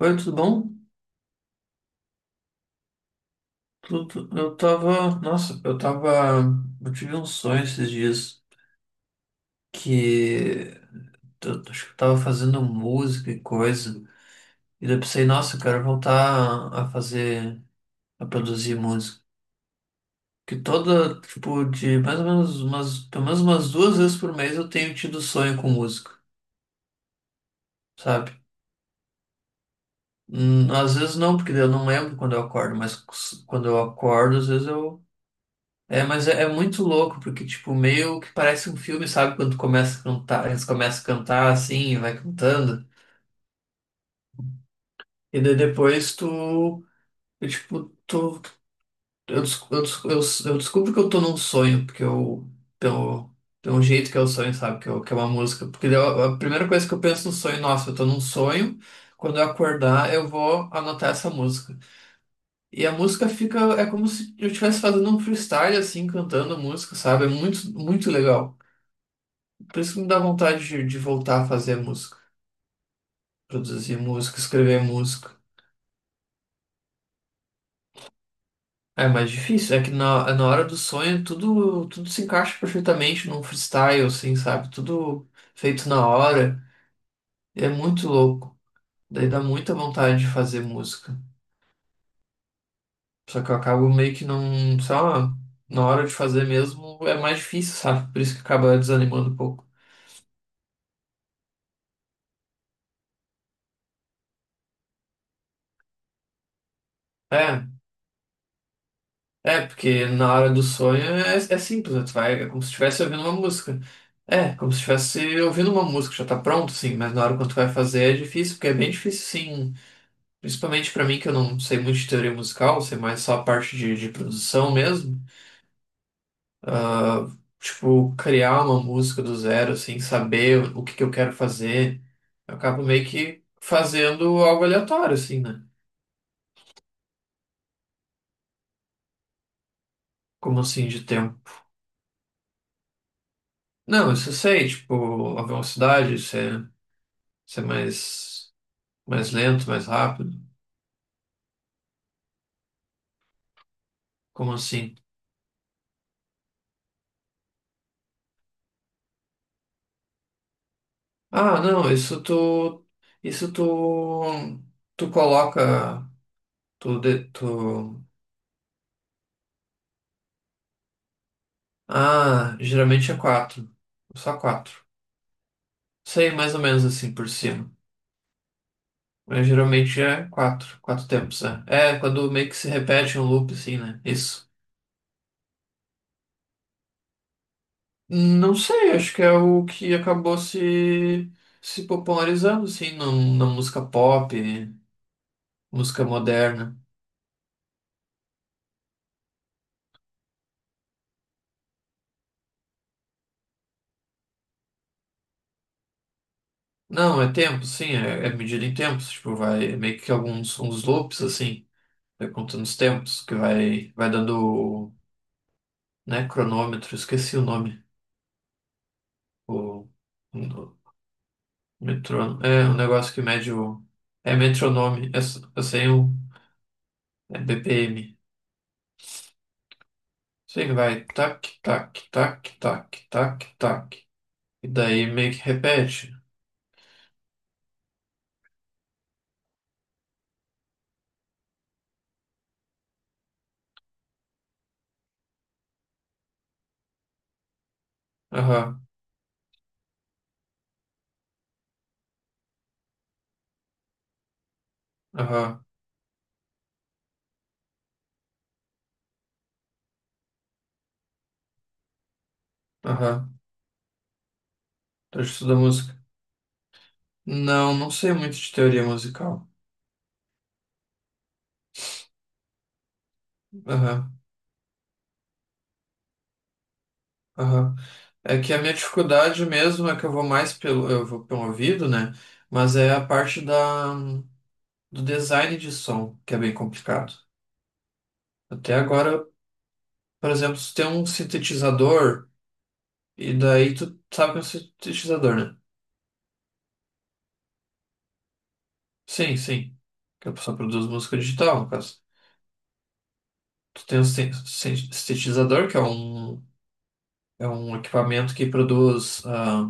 Oi, tudo bom? Tudo, eu tava. Nossa, eu tava. Eu tive um sonho esses dias que acho que eu tava fazendo música e coisa. E daí eu pensei, nossa, eu quero voltar a fazer, a produzir música. Que toda, tipo, de mais ou menos umas, pelo menos umas duas vezes por mês eu tenho tido sonho com música, sabe? Às vezes não, porque daí eu não lembro quando eu acordo, mas quando eu acordo, às vezes eu... É, mas é muito louco, porque, tipo, meio que parece um filme, sabe? Quando tu começa a cantar, eles começam a cantar assim, e vai cantando. E daí depois tu, eu, tipo, tu, eu, des- eu, des- eu descubro que eu tô num sonho, porque pelo, pelo jeito que é o sonho, sabe? Que, que é uma música. Porque daí a primeira coisa que eu penso no sonho, nossa, eu tô num sonho, quando eu acordar, eu vou anotar essa música. E a música fica, é como se eu estivesse fazendo um freestyle, assim, cantando música, sabe? É muito, muito legal. Por isso que me dá vontade de voltar a fazer música, produzir música, escrever música. É mais difícil, é que na hora do sonho tudo se encaixa perfeitamente num freestyle, assim, sabe? Tudo feito na hora. É muito louco. Daí dá muita vontade de fazer música. Só que eu acabo meio que não, sei lá, na hora de fazer mesmo é mais difícil, sabe? Por isso que acaba desanimando um pouco. É. É, porque na hora do sonho é simples, né? Tu vai, é como se estivesse ouvindo uma música. É, como se estivesse ouvindo uma música, já tá pronto, sim, mas na hora quando tu vai fazer é difícil, porque é bem difícil, sim. Principalmente pra mim, que eu não sei muito de teoria musical, sei mais só a parte de produção mesmo. Ah, tipo, criar uma música do zero, assim, saber o que que eu quero fazer. Eu acabo meio que fazendo algo aleatório, assim, né? Como assim, de tempo. Não, isso eu sei, tipo, a velocidade, isso é mais. Mais lento, mais rápido? Como assim? Ah, não, isso tu. Isso tu. Tu coloca. Tu, de- tu. Ah, geralmente é quatro. Só quatro. Sei, mais ou menos assim por cima. Mas geralmente é quatro. Quatro tempos, é. É, quando meio que se repete um loop, assim, né? Isso. Não sei, acho que é o que acabou se... se popularizando, assim, na música pop, música moderna. Não, é tempo, sim, é medida em tempos, tipo, vai é meio que alguns uns loops, assim, vai contando os tempos, que vai, vai dando, né, cronômetro, esqueci o nome, o, o metrônomo, é um negócio que mede o... é metronome, é, eu sei o... é BPM, sei que vai tac, tac, tac, tac, tac, tac, e daí meio que repete. Aham, aham, aham, tô estudando música. Não, não sei muito de teoria musical. Aham, aham. É que a minha dificuldade mesmo é que eu vou pelo ouvido, né? Mas é a parte do design de som, que é bem complicado. Até agora, por exemplo, se tem um sintetizador, e daí tu sabe que é um sintetizador, né? Sim, sim. Que a pessoa produz música digital, no caso. Tu tem um sintetizador, que é um, equipamento que produz,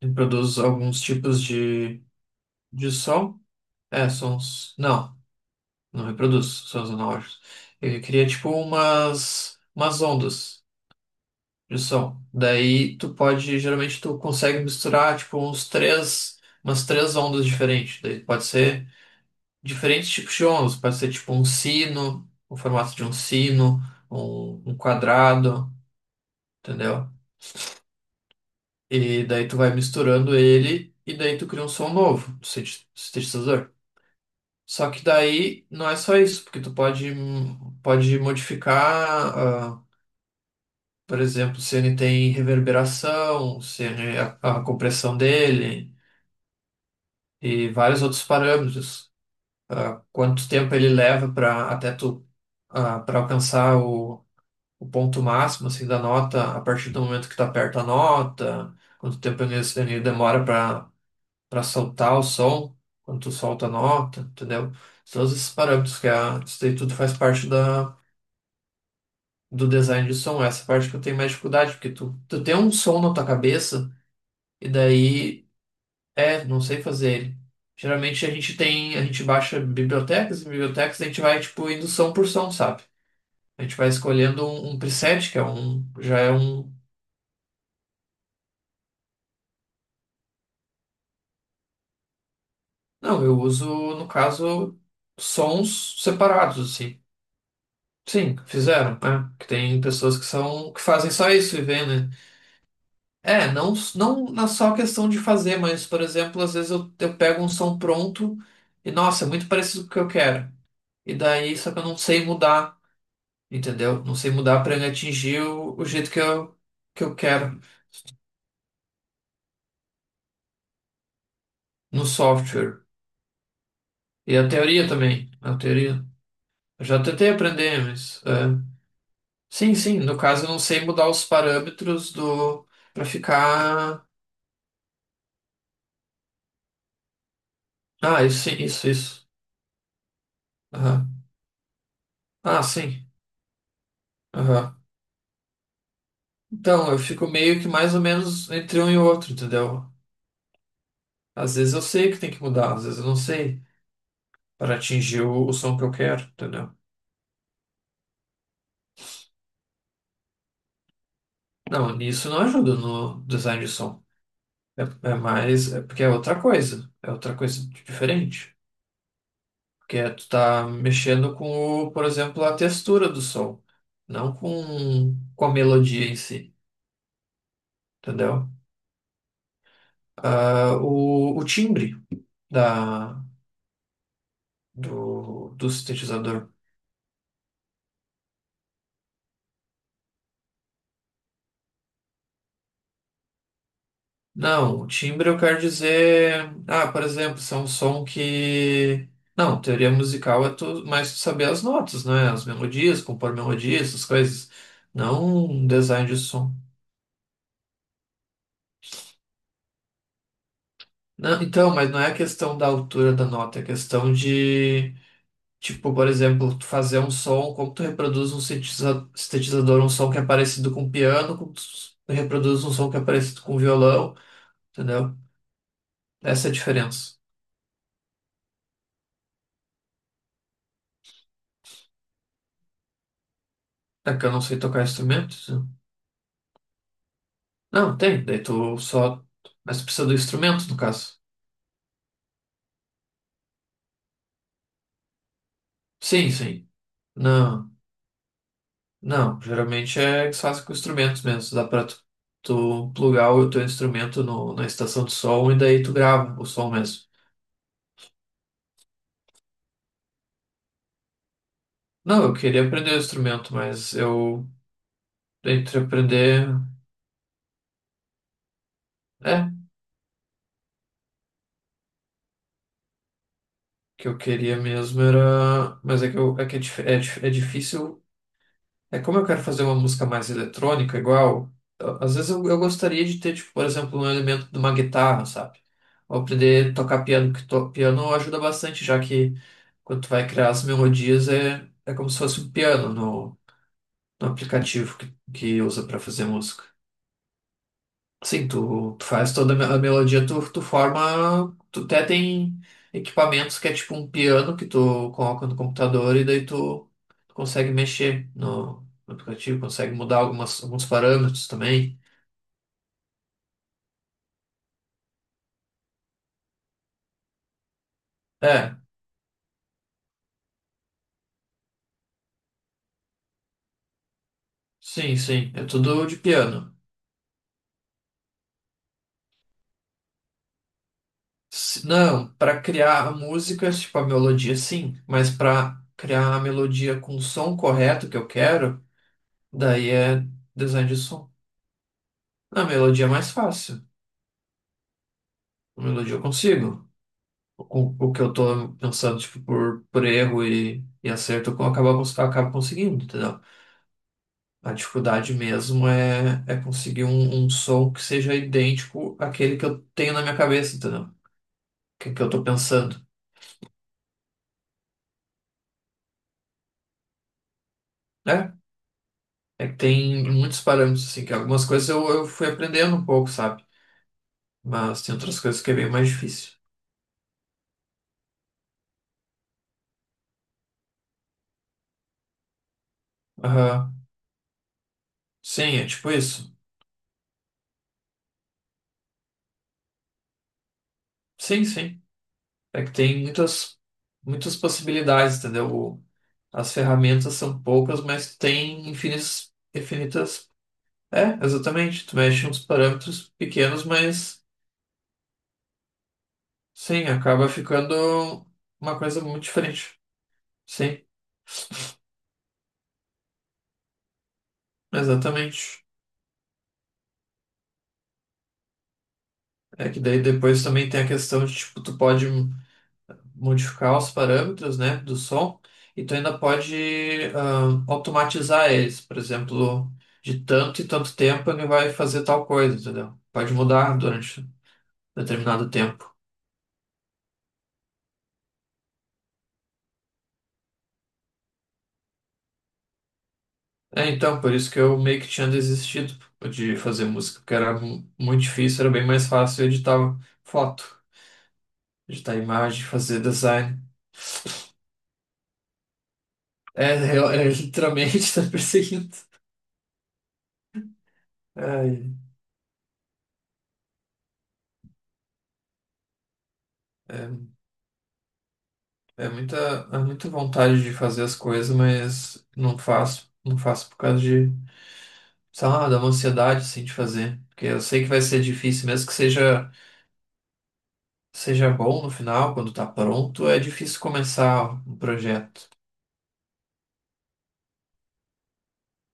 que produz alguns tipos de som. É, sons. Não. Não reproduz sons analógicos. Ele cria tipo umas ondas de som. Daí tu pode, geralmente tu consegue misturar tipo uns três, umas três ondas diferentes. Daí pode ser diferentes tipos de ondas. Pode ser tipo um sino, o formato de um sino, um quadrado, entendeu? E daí tu vai misturando ele e daí tu cria um som novo do sintetizador. Só que daí não é só isso, porque tu pode modificar... Por exemplo, se ele tem reverberação, se ele, a compressão dele e vários outros parâmetros. Ah, quanto tempo ele leva para até tu para alcançar o ponto máximo assim, da nota a partir do momento que tu aperta a nota, quanto tempo ele demora para soltar o som, quando tu solta a nota, entendeu? Todos esses parâmetros que a, isso daí tudo faz parte do design de som. Essa parte que eu tenho mais dificuldade, porque tu tem um som na tua cabeça. E daí é, não sei fazer ele. Geralmente a gente tem, a gente baixa bibliotecas e bibliotecas, a gente vai tipo indo som por som, sabe? A gente vai escolhendo um preset, que é um, já é um. Não, eu uso, no caso, sons separados, assim. Sim, fizeram, né? Que tem pessoas que são, que fazem só isso e vê, né? É, não, não na só questão de fazer, mas, por exemplo, às vezes eu pego um som pronto e, nossa, é muito parecido com o que eu quero. E daí, só que eu não sei mudar. Entendeu? Não sei mudar para atingir o jeito que eu quero no software. E a teoria também, né? A teoria. Eu já tentei aprender, mas é... Sim, sim, no caso eu não sei mudar os parâmetros do... para ficar... Ah, isso, sim, isso, isso. Aham. Ah, sim. Aham. Então, eu fico meio que mais ou menos entre um e outro, entendeu? Às vezes eu sei que tem que mudar, às vezes eu não sei para atingir o som que eu quero, entendeu? Não, nisso não ajuda no design de som. É, é mais. É porque é outra coisa. É outra coisa diferente. Porque é, tu tá mexendo com, o, por exemplo, a textura do som. Não com, com a melodia em si. Entendeu? Ah, o timbre da, do sintetizador. Não, o timbre eu quero dizer. Ah, por exemplo, se é um som que... Não, teoria musical é tu, mais tu saber as notas, né? As melodias, compor melodias, essas coisas. Não um design de som. Não, então, mas não é a questão da altura da nota, é a questão de, tipo, por exemplo, tu fazer um som, como tu reproduz um sintetizador, um som que é parecido com piano, como tu reproduz um som que é parecido com violão, entendeu? Essa é a diferença. É que eu não sei tocar instrumentos? Não, tem, daí tu só... Mas tu precisa do instrumento, no caso. Sim, sim. Não, não, geralmente é que se faz com instrumentos mesmo, dá pra tu plugar o teu instrumento no, na estação de som e daí tu grava o som mesmo. Não, eu queria aprender o instrumento, mas eu... entre aprender, é, o que eu queria mesmo era, mas é que, eu, é, que é, é difícil, é como eu quero fazer uma música mais eletrônica, igual, às vezes eu gostaria de ter, tipo, por exemplo, um elemento de uma guitarra, sabe? Ou aprender a tocar piano, que to, piano ajuda bastante, já que quando tu vai criar as melodias é, é como se fosse um piano no aplicativo que usa para fazer música. Sim, tu faz toda a melodia, tu forma. Tu até tem equipamentos que é tipo um piano que tu coloca no computador e daí tu consegue mexer no aplicativo, consegue mudar algumas, alguns parâmetros também. É, sim, sim, é tudo de piano. Não, pra criar a música, tipo a melodia, sim, mas pra criar a melodia com o som correto que eu quero, daí é design de som. A melodia é mais fácil, a melodia eu consigo. O, o que eu tô pensando, tipo, por erro e acerto, eu acabo, eu acabo conseguindo, entendeu? A dificuldade mesmo é conseguir um, um som que seja idêntico àquele que eu tenho na minha cabeça, entendeu? Que eu tô pensando, né? É que tem muitos parâmetros, assim, que algumas coisas eu fui aprendendo um pouco, sabe? Mas tem outras coisas que é bem mais difícil. Aham. Sim, é tipo isso. Sim, sim. É que tem muitas, muitas possibilidades, entendeu? As ferramentas são poucas, mas tem infinitas, infinitas. É, exatamente. Tu mexe uns parâmetros pequenos, mas sim, acaba ficando uma coisa muito diferente. Sim, exatamente. É que daí depois também tem a questão de, tipo, tu pode modificar os parâmetros, né, do som, e tu ainda pode automatizar eles. Por exemplo, de tanto e tanto tempo ele vai fazer tal coisa, entendeu? Pode mudar durante determinado tempo. É, então, por isso que eu meio que tinha desistido de fazer música, porque era muito difícil, era bem mais fácil editar foto, editar imagem, fazer design. É, é, é literalmente tá perseguindo. Ai, é, é muita, é muita vontade de fazer as coisas, mas não faço, não faço por causa de, sei lá, dá uma ansiedade assim de fazer. Porque eu sei que vai ser difícil, mesmo que seja, seja bom no final, quando tá pronto, é difícil começar um projeto.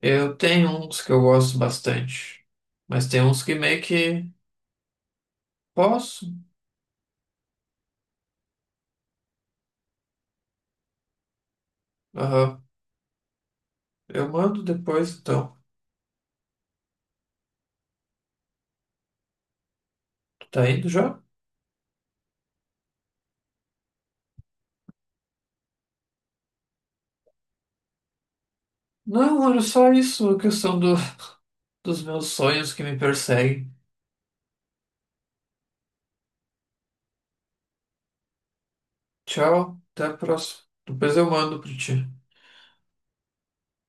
Eu tenho uns que eu gosto bastante, mas tem uns que meio que... posso. Aham. Eu mando depois, então. Tu tá indo já? Não, olha só isso, a questão do, dos meus sonhos que me perseguem. Tchau, até a próxima. Depois eu mando pra ti.